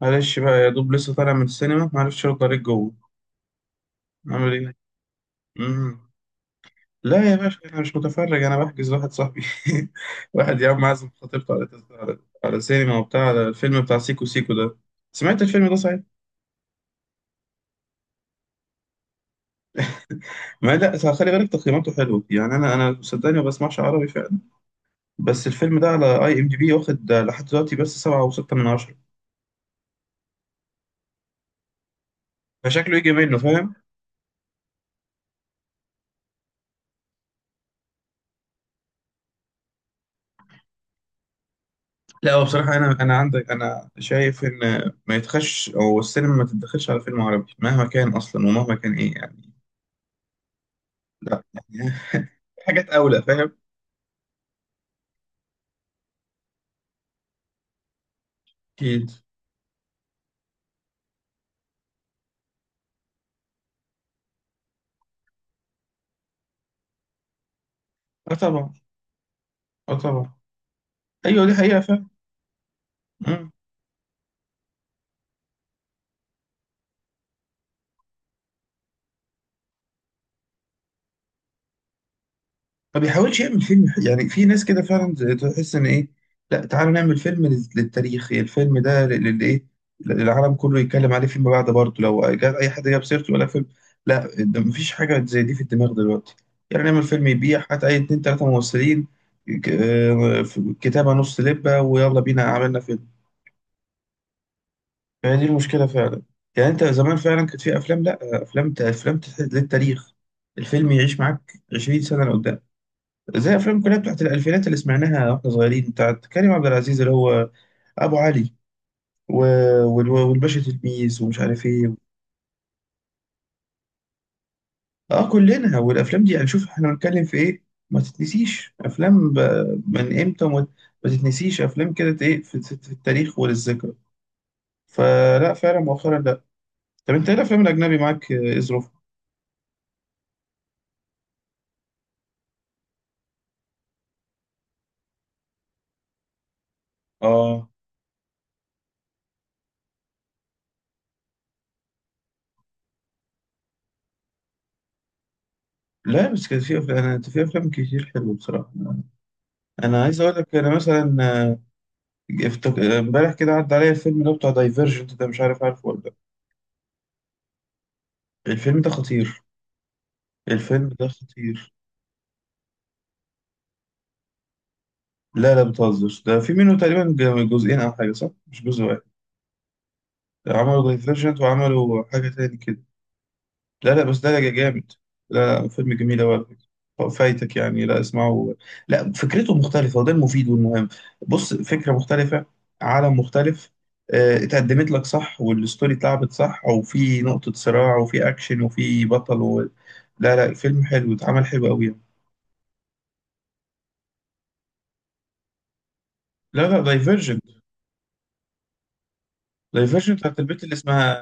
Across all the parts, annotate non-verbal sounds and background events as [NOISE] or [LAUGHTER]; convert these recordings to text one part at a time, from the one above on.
معلش بقى يا دوب لسه طالع من السينما معرفش ارد عليك جوه. عامل ايه؟ امم لا يا باشا، انا مش متفرج، انا بحجز واحد صاحبي. [LAUGHS] واحد يا عم عازم خطيبته على سينما وبتاع، على الفيلم بتاع سيكو سيكو ده. سمعت الفيلم ده صحيح؟ [LAUGHS] ما لا، خلي بالك تقييماته حلوه، يعني انا صدقني ما بسمعش عربي فعلا. بس الفيلم ده على اي ام دي بي واخد لحد دلوقتي بس سبعة وستة من عشرة، فشكله يجي منه. فاهم. لا هو بصراحة أنا عندك، أنا شايف إن ما يتخش أو السينما ما تتدخلش على فيلم عربي مهما كان أصلا ومهما كان إيه يعني. لا يعني في حاجات أولى فاهم. أكيد. أه طبعا. أه طبعا. أيوه دي حقيقة فاهم. ما بيحاولش يعمل فيلم يعني في ناس كده فعلا تحس ان ايه. لا تعالوا نعمل فيلم للتاريخ، الفيلم ده للايه، العالم كله يتكلم عليه فيما بعد برضه لو جاء اي حد جاب سيرته ولا فيلم. لا ده مفيش حاجه زي دي في الدماغ دلوقتي. يعني نعمل فيلم يبيع حتى اي اتنين تلاته ممثلين، كتابه نص لبه ويلا بينا عملنا فيلم. فهي دي المشكله فعلا. يعني انت زمان فعلا كانت في افلام، لا افلام، افلام للتاريخ. الفيلم يعيش معاك 20 سنه لقدام، زي افلام كلها بتاعت الالفينات اللي سمعناها واحنا صغيرين، بتاعت كريم عبد العزيز اللي هو ابو علي و... والباشا تلميذ ومش عارف ايه. اه كلنا، والافلام دي هنشوف احنا بنتكلم في ايه. ما تتنسيش افلام ب... من امتى وما، ما تتنسيش افلام كده ايه في التاريخ وللذكرى. فلا فعلا مؤخرا لا. طب انت ايه الافلام الاجنبي معاك، ايه ظروفها؟ اه لا بس كان في افلام، انا في افلام كتير حلوه بصراحه. انا عايز اقول لك انا مثلا، امبارح كده عدى عليا الفيلم ده بتاع دايفرجنت ده، مش عارف عارفه ولا لا. الفيلم ده خطير، الفيلم ده خطير. لا لا بتهزر، ده في منه تقريبا جزئين او حاجه، صح؟ مش جزء واحد. عملوا دايفرجنت وعملوا حاجه تاني كده. لا لا بس ده جامد. لا لا فيلم جميل أوي على فكرة، فايتك يعني، لا اسمعه. لا فكرته مختلفة وده المفيد والمهم. بص، فكرة مختلفة، عالم مختلف. اتقدمت لك صح والستوري اتلعبت صح وفي نقطة صراع وفي أكشن وفي بطل و... لا لا الفيلم حلو اتعمل حلو أوي يعني. لا لا دايفرجنت. دايفرجنت بتاعت البنت اللي اسمها...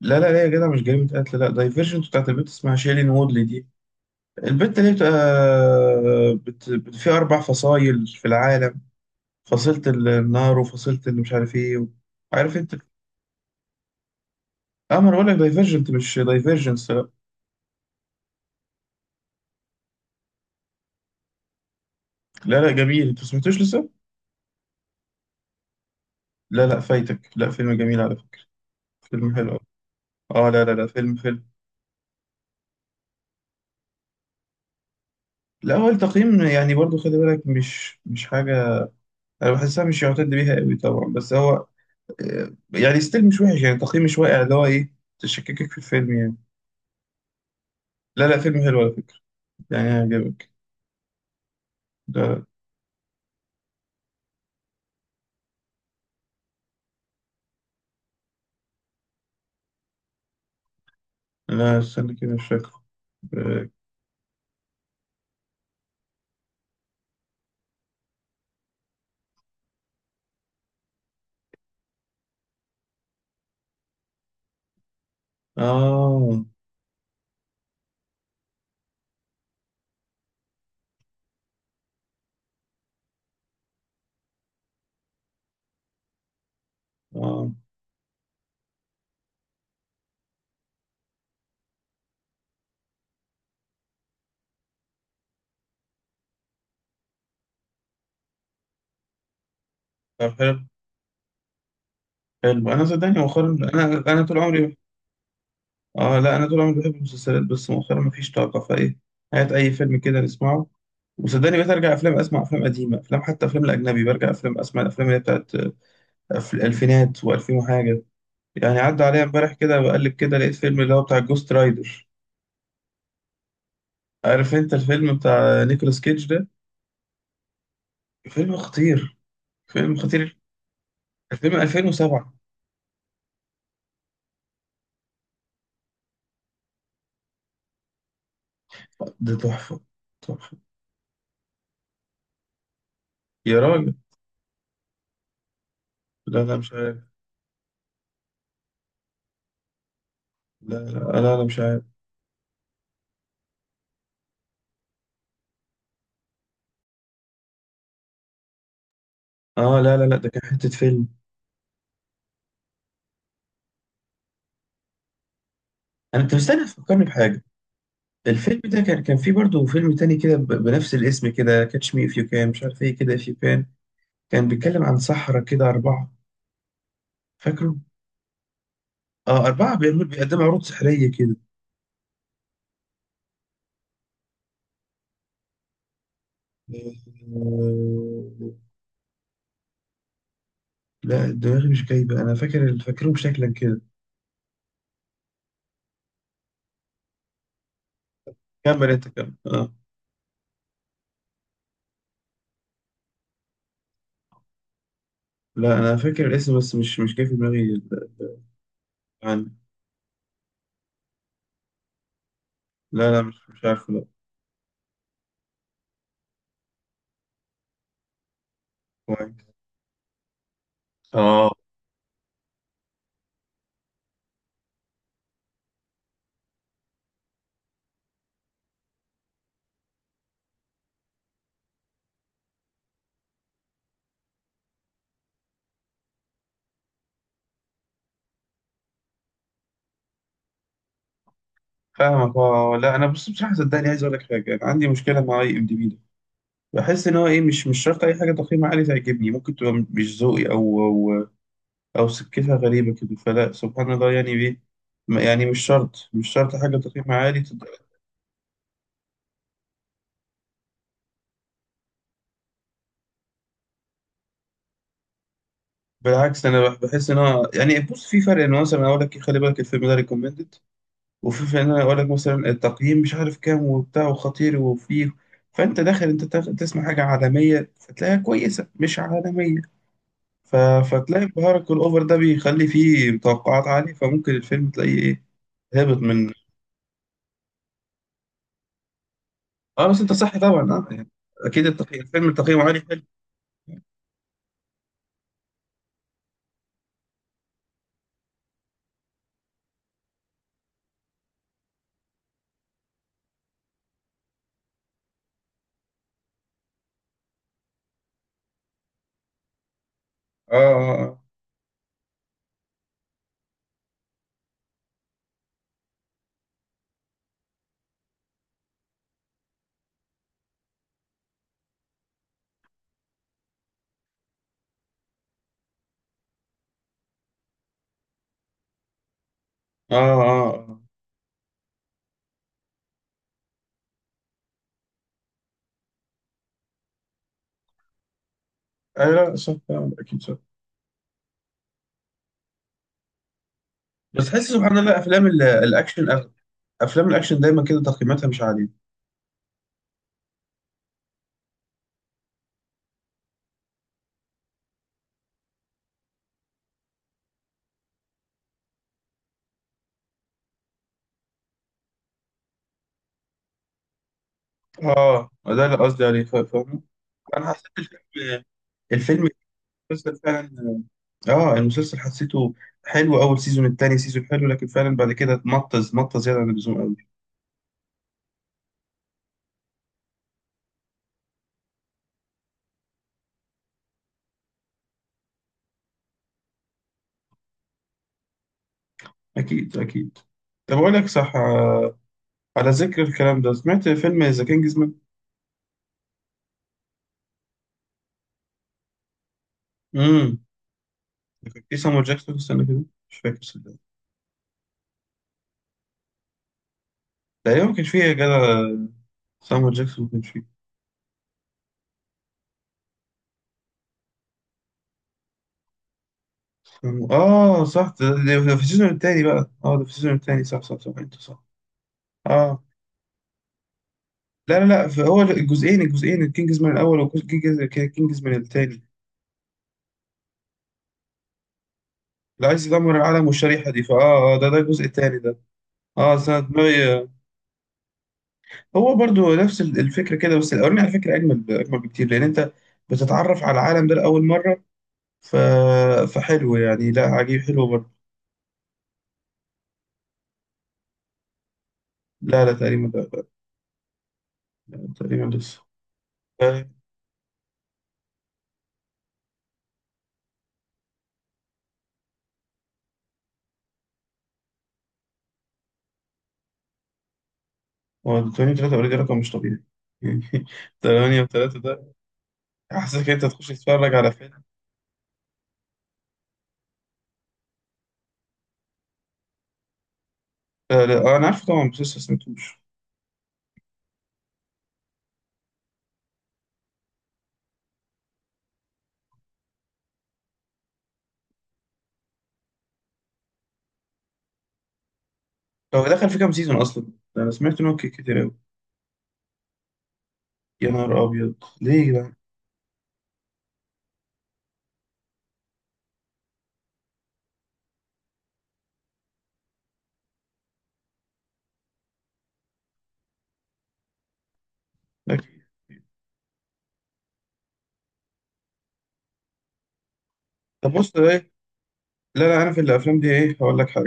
لا لا لا يا جدع مش جريمة قتل، لا دايفرجنت بتاعت البنت اسمها شيلين وودلي دي. البنت اللي بتبقى في أربع فصايل في العالم. فصلت النار وفصلت اللي مش عارف ايه و... عارف انت. اه ما انا بقول لك دايفرجنت مش دايفرجنس لا. لا لا، جميل، انت ما سمعتوش لسه. لا لا فايتك، لا فيلم جميل على فكرة، فيلم حلو أوي. اه لا لا لا فيلم فيلم. لا هو التقييم يعني برضو خلي بالك، مش حاجة انا بحسها مش يعتد بيها قوي طبعا، بس هو يعني ستيل مش وحش، يعني التقييم مش واقع اللي هو ايه تشككك في الفيلم يعني. لا لا فيلم حلو على فكرة، يعني هيعجبك ده. لا استنى كده مش فاكره. اه. اه. آه. طب حلو. حلو انا صدقني مؤخرا، انا طول عمري... اه لا انا طول عمري بحب المسلسلات، بس مؤخرا مفيش طاقه فايه. هات اي فيلم كده نسمعه. وصدقني بقيت ارجع افلام، اسمع افلام قديمه، افلام، حتى افلام الاجنبي برجع افلام اسمع الافلام اللي هي بتاعت الالفينات و2000 وحاجه. يعني عدى عليا امبارح كده بقلب كده لقيت فيلم اللي هو بتاع جوست رايدر. عارف انت الفيلم بتاع نيكولاس كيدج ده؟ فيلم خطير، فيلم خطير. الفيلم 2007. ده تحفه، تحفه. يا راجل لا لا مش عارف. لا لا لا, لا مش عارف. اه لا لا لا ده كان حتة فيلم. انا انت مستني تفكرني بحاجة. الفيلم ده كان فيه برضه فيلم تاني كده بنفس الاسم كده، كاتش مي اف يو كان، مش عارف ايه كده اف يو كان. كان بيتكلم عن سحرة كده أربعة. فاكره؟ اه أربعة بيعملوا بيقدموا عروض سحرية كده. آه، لا دماغي مش جايبة، أنا فاكر فاكرهم شكلا كده. كمل أنت كمل اه. لا أنا فاكر الاسم بس مش جاي في دماغي عن لا لا مش عارفه لا. كويس. اه. فاهمك اه. لا انا بص بصراحه صدقني عايز اقول لك حاجه، انا عندي مشكله مع اي ام دي بي ده. بحس ان هو ايه، مش شرط اي حاجه تقييم عالي تعجبني، ممكن تبقى مش ذوقي او سكتها غريبه كده، فلا سبحان الله يعني ايه. ما- يعني مش شرط حاجه تقييم عالي بالعكس انا بحس ان هو يعني، بص، في فرق ان مثلا اقول لك خلي بالك الفيلم ده ريكومندد، وفي فرق ان انا اقول لك مثلا التقييم مش عارف كام وبتاع وخطير وفيه. فانت داخل انت تسمع حاجه عالميه فتلاقيها كويسه مش عالميه. ف... فتلاقي البهرج الأوفر ده بيخلي فيه توقعات عالية، فممكن الفيلم تلاقيه إيه، هابط من... آه بس أنت صح طبعا آه يعني. أكيد التقييم، الفيلم تقييمه عالي حلو. آه آه. آه آه. آه آه. لا صح طبعا أكيد صح. بس تحس سبحان الله أفلام الأكشن أغلب، أفلام الأكشن دايما كده تقييماتها مش عالية. آه ده اللي قصدي عليه، فاهم. أنا حسيت الفيلم، الفيلم، المسلسل فعلا. آه المسلسل حسيته حلو، أول سيزون، التاني سيزون حلو، لكن فعلا بعد كده مطز مطز زيادة عن اللزوم. أكيد أكيد. طب أقول لك صح، على ذكر الكلام ده، سمعت فيلم ذا كينجز مان؟ امم كان في سامو جاكسون، استنى كده، مش فاكر صدق. تقريبا ما كانش فيه يا جدع، سامو جاكسون ما كانش فيه. سامو- آه صح، ده, ده ده في السيزون التاني بقى، آه ده في السيزون التاني، صح صح صح أنت صح. آه لا لا لا فهو الجزئين، الجزئين، الكينجز مان الأول وكينجز مان التاني. اللي عايز يدمر العالم والشريحة دي، فآه ده ده الجزء التاني ده. آه سنة دماغي. هو برضو نفس الفكرة كده، بس الأولاني على فكرة أجمل أجمل بكتير، لأن أنت بتتعرف على العالم ده لأول مرة. ف... فحلو يعني، لا عجيب حلو برضو. لا لا تقريبا لا, لا, لا تقريبا لسه. ف- هو 8.3 أوريدي رقم مش طبيعي يعني. [LAUGHS] 8.3 ده حاسسك أنت تخش تتفرج على فيلم. لا, لا أنا عارفه طبعا بس لسه ما سمعتوش. هو دخل في كام سيزون أصلا؟ ده أنا سمعت إن هو كتير أوي. يا نهار أبيض، ليه يا جدعان؟ لكن- طب بص إيه، لا لا أنا في الأفلام دي إيه هقول لك حاجة.